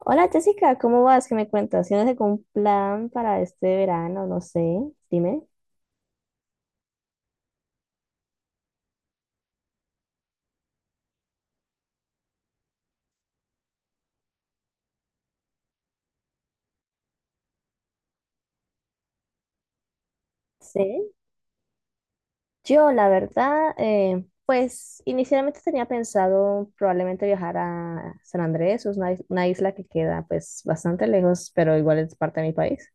Hola Jessica, ¿cómo vas? ¿Qué me cuentas? ¿Tienes algún plan para este verano? No sé, dime. Sí. Yo, la verdad, pues inicialmente tenía pensado probablemente viajar a San Andrés, es una, una isla que queda pues bastante lejos, pero igual es parte de mi país.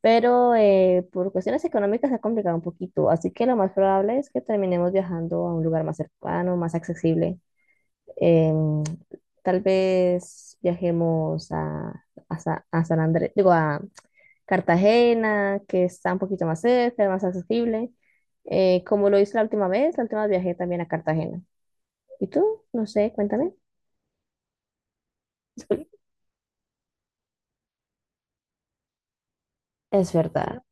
Pero por cuestiones económicas se ha complicado un poquito, así que lo más probable es que terminemos viajando a un lugar más cercano, más accesible. Em, Tal vez viajemos a, a San Andrés, digo, a Cartagena, que está un poquito más cerca, más accesible, como lo hice la última vez viajé también a Cartagena. ¿Y tú? No sé, cuéntame. Es verdad.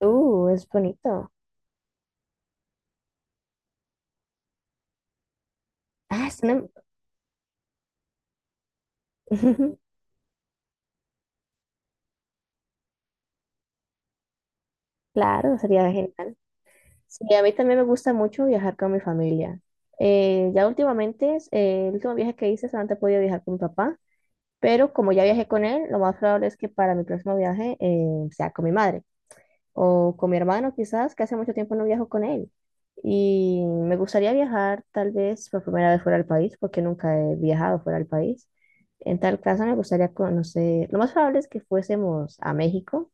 Es bonito. Ah, es una- Claro, sería genial. Sí, a mí también me gusta mucho viajar con mi familia. Ya últimamente, el último viaje que hice solamente he podido viajar con mi papá. Pero como ya viajé con él, lo más probable es que para mi próximo viaje sea con mi madre o con mi hermano quizás, que hace mucho tiempo no viajo con él. Y me gustaría viajar tal vez por primera vez fuera del país, porque nunca he viajado fuera del país. En tal caso me gustaría conocer, lo más probable es que fuésemos a México,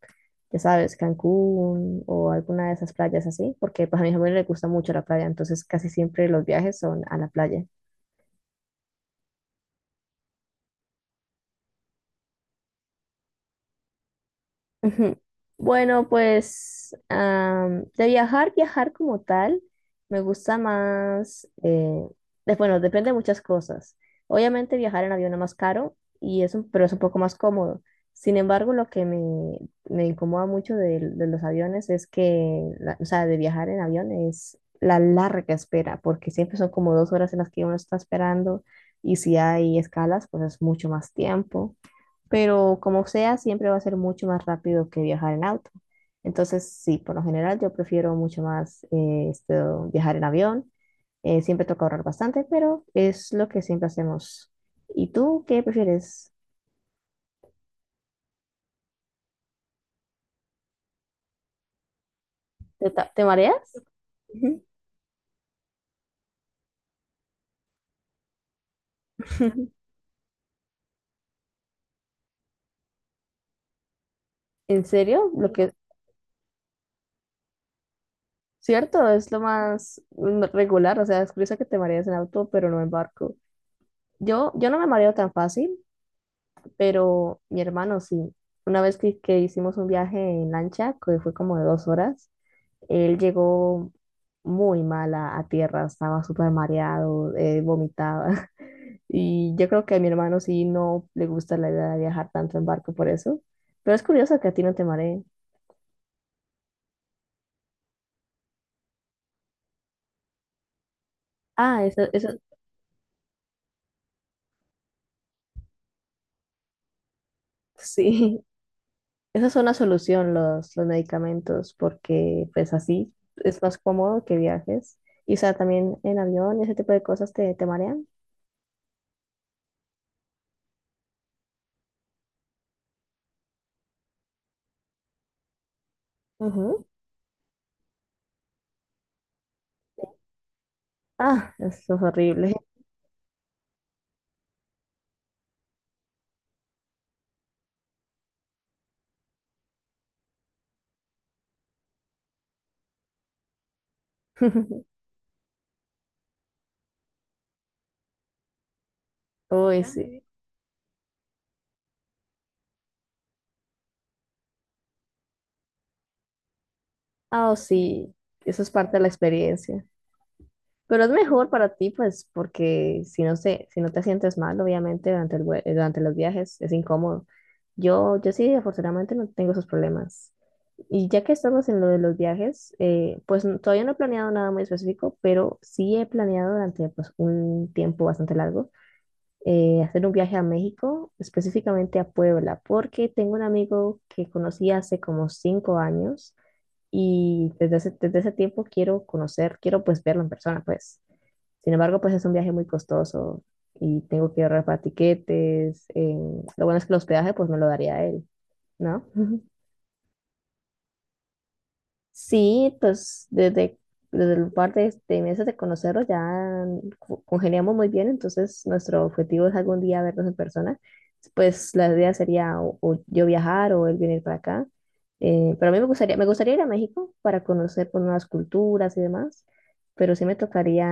ya sabes, Cancún o alguna de esas playas así, porque pues, a mi familia le gusta mucho la playa, entonces casi siempre los viajes son a la playa. Ujú. Bueno, de viajar, viajar como tal, me gusta más, bueno, depende de muchas cosas. Obviamente viajar en avión es más caro, y pero es un poco más cómodo. Sin embargo, lo que me incomoda mucho de los aviones es que, o sea, de viajar en avión es la larga espera, porque siempre son como dos horas en las que uno está esperando, y si hay escalas, pues es mucho más tiempo pero como sea, siempre va a ser mucho más rápido que viajar en auto. Entonces, sí, por lo general yo prefiero mucho más esto, viajar en avión. Siempre toca ahorrar bastante, pero es lo que siempre hacemos. ¿Y tú qué prefieres? Te mareas? Ujú. ¿En serio? Cierto, es lo más regular. O sea, es curioso que te mareas en auto, pero no en barco. Yo no me mareo tan fácil, pero mi hermano sí. Una vez que hicimos un viaje en lancha, que fue como de dos horas, él llegó muy mal a tierra, estaba súper mareado, vomitaba. Y yo creo que a mi hermano sí no le gusta la idea de viajar tanto en barco por eso. Pero es curioso que a ti no te mareen. Ah, eso, sí, esa es una solución, los medicamentos, porque pues así es más cómodo que viajes. Y o sea, también en avión, ese tipo de cosas te marean. Ujú. Ah, eso es horrible. Uy, ya. Sí. Ah, oh, sí, eso es parte de la experiencia. Pero es mejor para ti, pues, porque si no se, si no te sientes mal, obviamente, durante durante los viajes es incómodo. Yo sí, afortunadamente, no tengo esos problemas. Y ya que estamos en lo de los viajes, pues todavía no he planeado nada muy específico, pero sí he planeado durante pues, un tiempo bastante largo hacer un viaje a México, específicamente a Puebla, porque tengo un amigo que conocí hace como cinco años y desde ese tiempo quiero conocer, quiero pues verlo en persona, pues. Sin embargo, pues es un viaje muy costoso y tengo que ahorrar para tiquetes. Lo bueno es que el hospedaje pues me lo daría él, ¿no? Sí, pues desde, desde el par de meses de conocerlos ya congeniamos muy bien, entonces nuestro objetivo es algún día vernos en persona. Pues la idea sería o yo viajar o él venir para acá. Pero a mí me gustaría ir a México para conocer pues, nuevas culturas y demás, pero sí me tocaría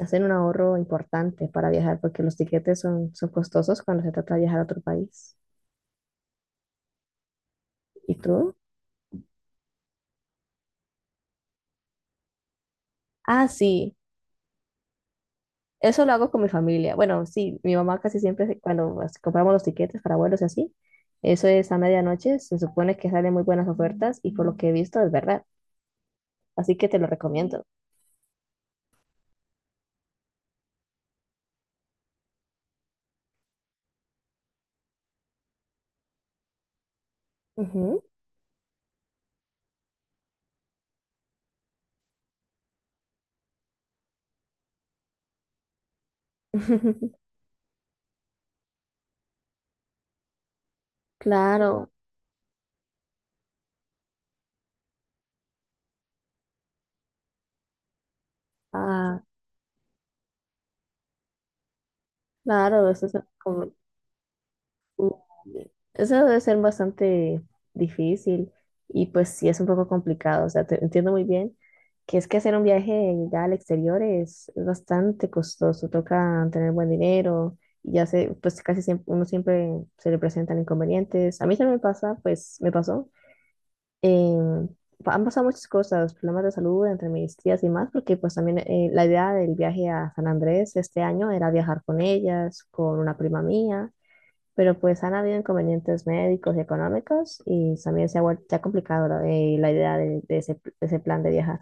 hacer un ahorro importante para viajar porque los tiquetes son, son costosos cuando se trata de viajar a otro país. ¿Y tú? Ah, sí. Eso lo hago con mi familia. Bueno, sí, mi mamá casi siempre, cuando compramos los tiquetes para vuelos y así, eso es a medianoche, se supone que salen muy buenas ofertas y por lo que he visto es verdad. Así que te lo recomiendo. Ujú. Claro, ah, claro, como- Mm, eso debe ser bastante difícil y pues sí es un poco complicado, o sea, te entiendo muy bien que es que hacer un viaje ya al exterior es bastante costoso, toca tener buen dinero y ya se, pues casi siempre, uno siempre se le presentan inconvenientes. A mí también me pasa, pues me pasó. em, Han pasado muchas cosas, problemas de salud entre mis tías y más, porque pues también la idea del viaje a San Andrés este año era viajar con ellas, con una prima mía pero pues han habido inconvenientes médicos y económicos y también se ha vuelto ya complicado la idea de ese plan de viajar.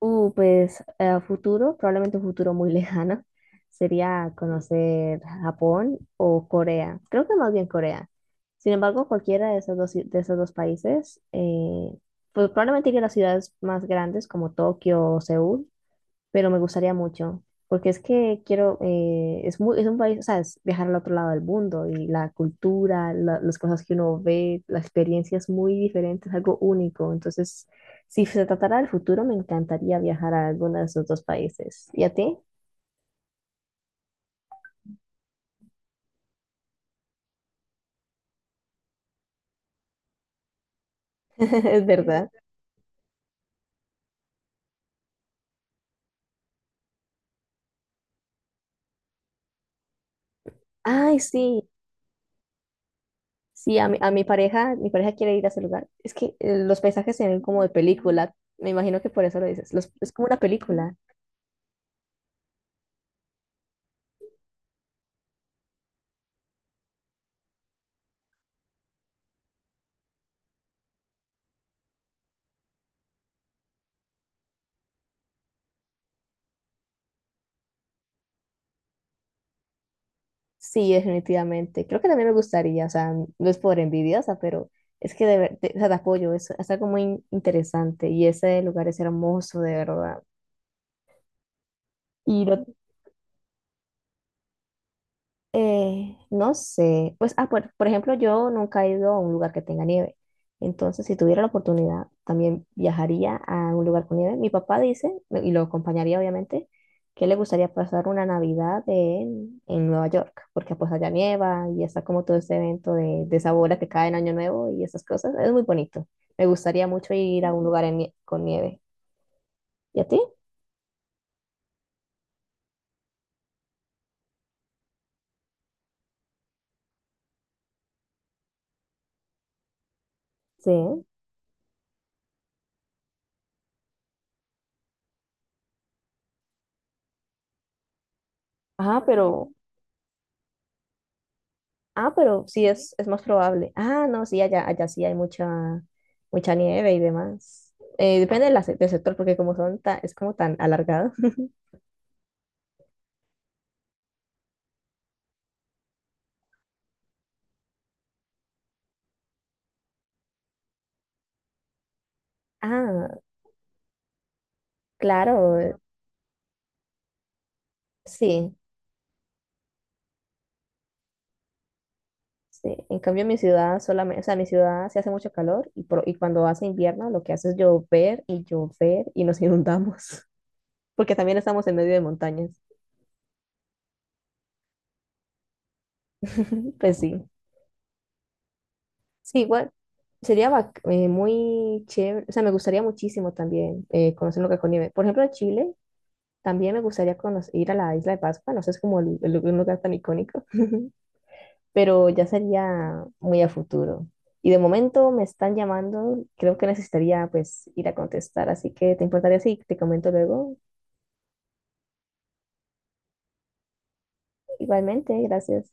Pues a futuro, probablemente un futuro muy lejano, sería conocer Japón o Corea. Creo que más bien Corea. Sin embargo, cualquiera de esos de esos dos países, pues probablemente iría a las ciudades más grandes como Tokio o Seúl, pero me gustaría mucho, porque es que quiero, es muy, es un país, o sea, es viajar al otro lado del mundo y la cultura, las cosas que uno ve, la experiencia es muy diferente, es algo único. Entonces, si se tratara del futuro, me encantaría viajar a alguno de esos dos países. ¿Y a ti? Es verdad. Ay, sí. Sí, a mi pareja quiere ir a ese lugar. Es que los paisajes se ven como de película. Me imagino que por eso lo dices. Es como una película. Sí, definitivamente. Creo que también me gustaría, o sea, no es por envidiosa, pero es que o sea, te apoyo, es algo muy interesante y ese lugar es hermoso, de verdad. Y lo, no sé, pues, ah, por ejemplo, yo nunca he ido a un lugar que tenga nieve. Entonces, si tuviera la oportunidad, también viajaría a un lugar con nieve. Mi papá dice, y lo acompañaría obviamente, que le gustaría pasar una Navidad en Nueva York, porque pues allá nieva y está como todo este evento de esa bola que cae en Año Nuevo y esas cosas. Es muy bonito. Me gustaría mucho ir a un lugar con nieve. ¿Y a ti? Sí. Ajá, pero... Ah, pero sí es más probable. Ah, no, sí, allá, allá sí hay mucha, mucha nieve y demás. Depende de del sector, porque como son es como tan alargado. Ah, claro, sí, sí. En cambio, en mi ciudad solamente, o sea, en mi ciudad se hace mucho calor y, y cuando hace invierno lo que hace es llover y llover y nos inundamos, porque también estamos en medio de montañas. Pues sí, sí, igual. Muy chévere, o sea, me gustaría muchísimo también conocer un lugar con nieve. Por ejemplo, en Chile también me gustaría conocer, ir a la isla de Pascua, no sé, es como un lugar tan icónico, pero ya sería muy a futuro. Y de momento me están llamando, creo que necesitaría pues ir a contestar, así que te importaría si te comento luego. Igualmente, gracias.